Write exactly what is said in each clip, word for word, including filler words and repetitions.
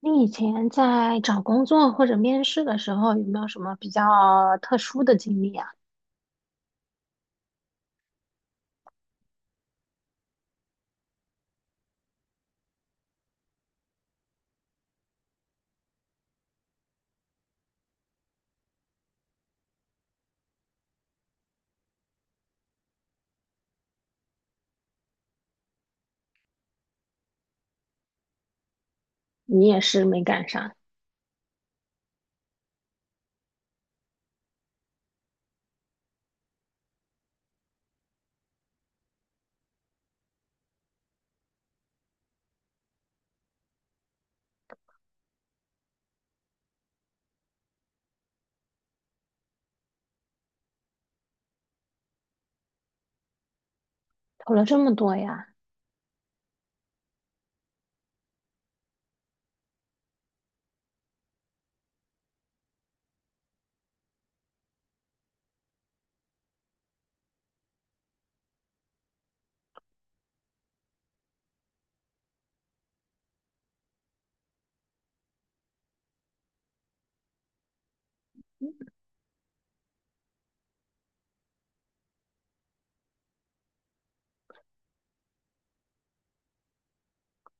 你以前在找工作或者面试的时候，有没有什么比较特殊的经历啊？你也是没赶上，投了这么多呀？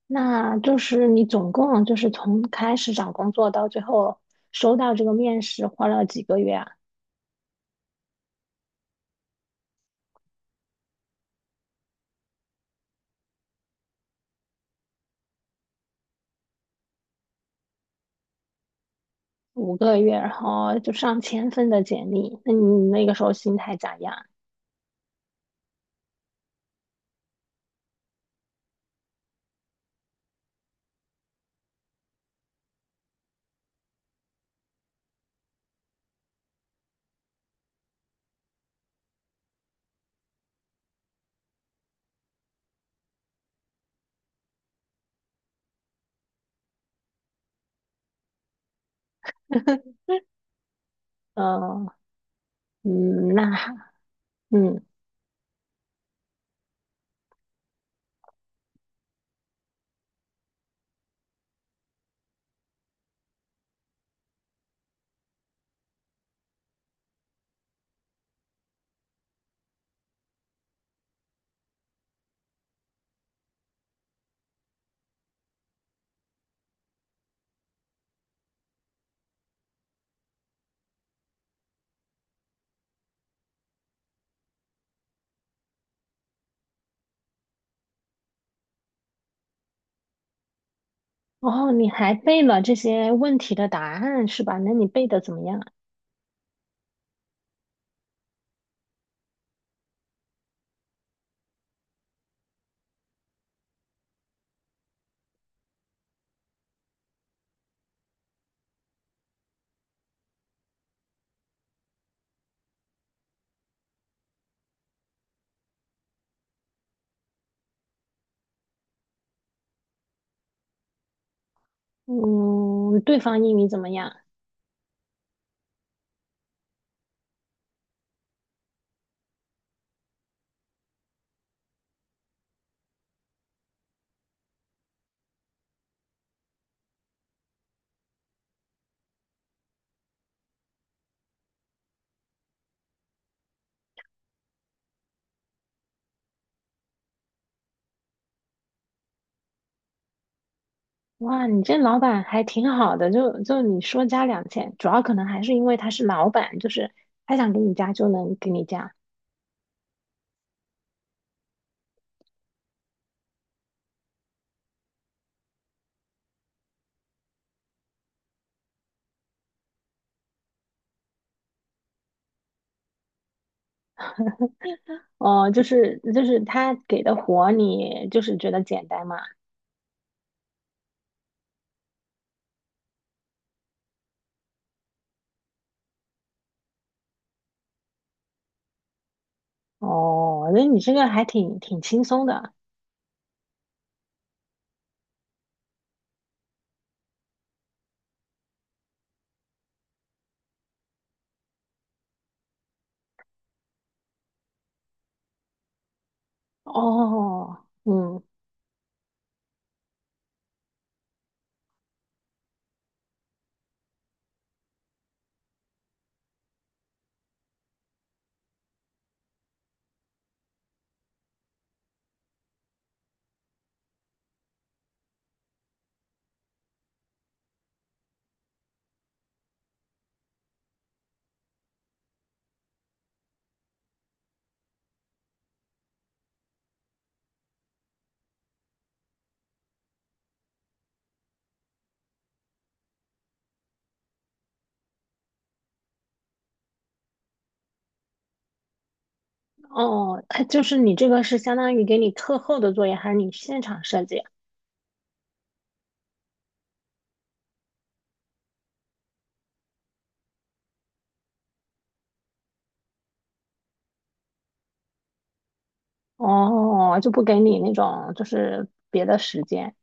那就是你总共就是从开始找工作到最后收到这个面试，花了几个月啊？五个月，然后就上千份的简历。那你那个时候心态咋样？呃，嗯，那还嗯，哦，你还背了这些问题的答案是吧？那你背的怎么样啊？嗯，对方英语怎么样？哇，你这老板还挺好的，就就你说加两千，主要可能还是因为他是老板，就是他想给你加就能给你加。哦，就是就是他给的活你就是觉得简单嘛。哦，那你这个还挺挺轻松的。哦，嗯，哦，他就是你这个是相当于给你课后的作业，还是你现场设计？哦，就不给你那种就是别的时间。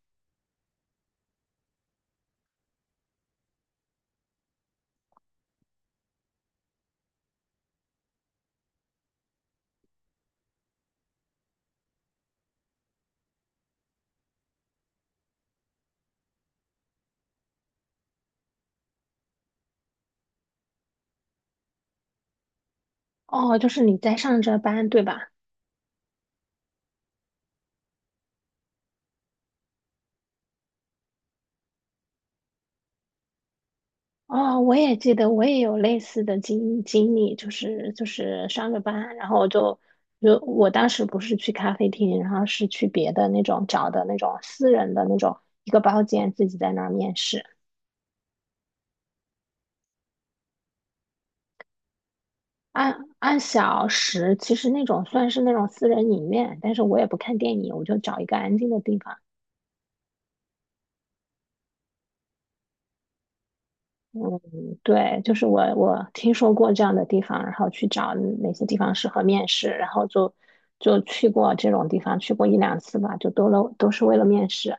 哦，就是你在上着班，对吧？哦，我也记得，我也有类似的经经历，就是就是上着班，然后就就我当时不是去咖啡厅，然后是去别的那种找的那种私人的那种一个包间，自己在那儿面试，按按小时，其实那种算是那种私人影院，但是我也不看电影，我就找一个安静的地方。嗯，对，就是我我听说过这样的地方，然后去找哪些地方适合面试，然后就就去过这种地方，去过一两次吧，就都了都是为了面试。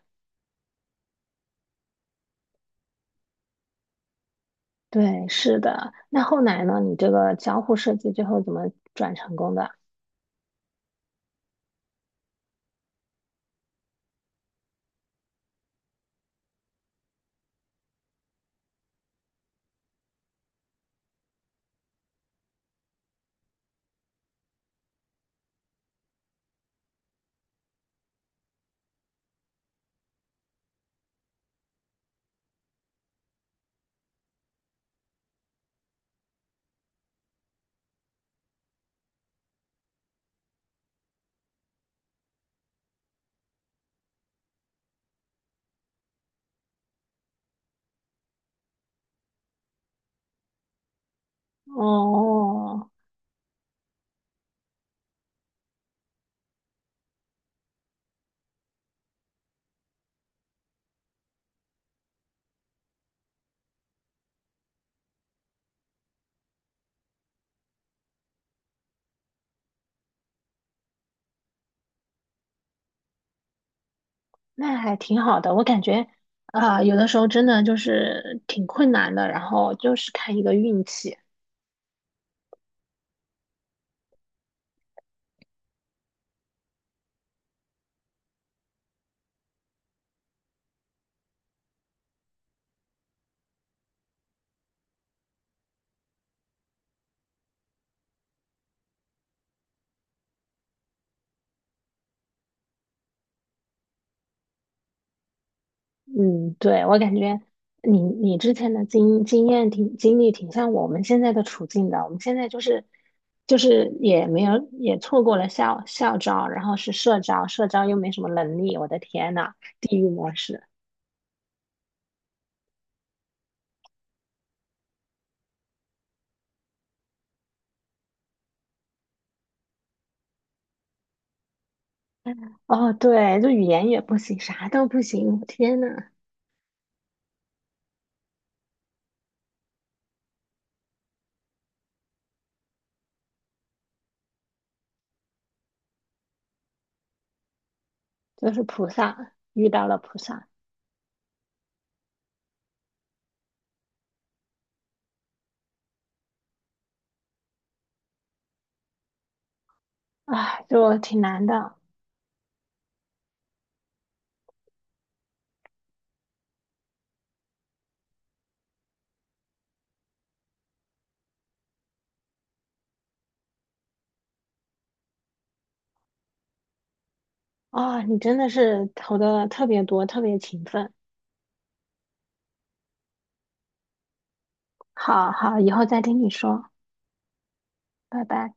对，是的。那后来呢？你这个交互设计最后怎么转成功的？哦，那还挺好的。我感觉啊，有的时候真的就是挺困难的，然后就是看一个运气。嗯，对，我感觉你你之前的经经验挺经历挺像我们现在的处境的。我们现在就是就是也没有也错过了校校招，然后是社招，社招又没什么能力，我的天呐，地狱模式。哦，对，就语言也不行，啥都不行，我天呐，就是菩萨遇到了菩萨，啊，就挺难的啊，你真的是投的特别多，特别勤奋。好好，以后再听你说，拜拜。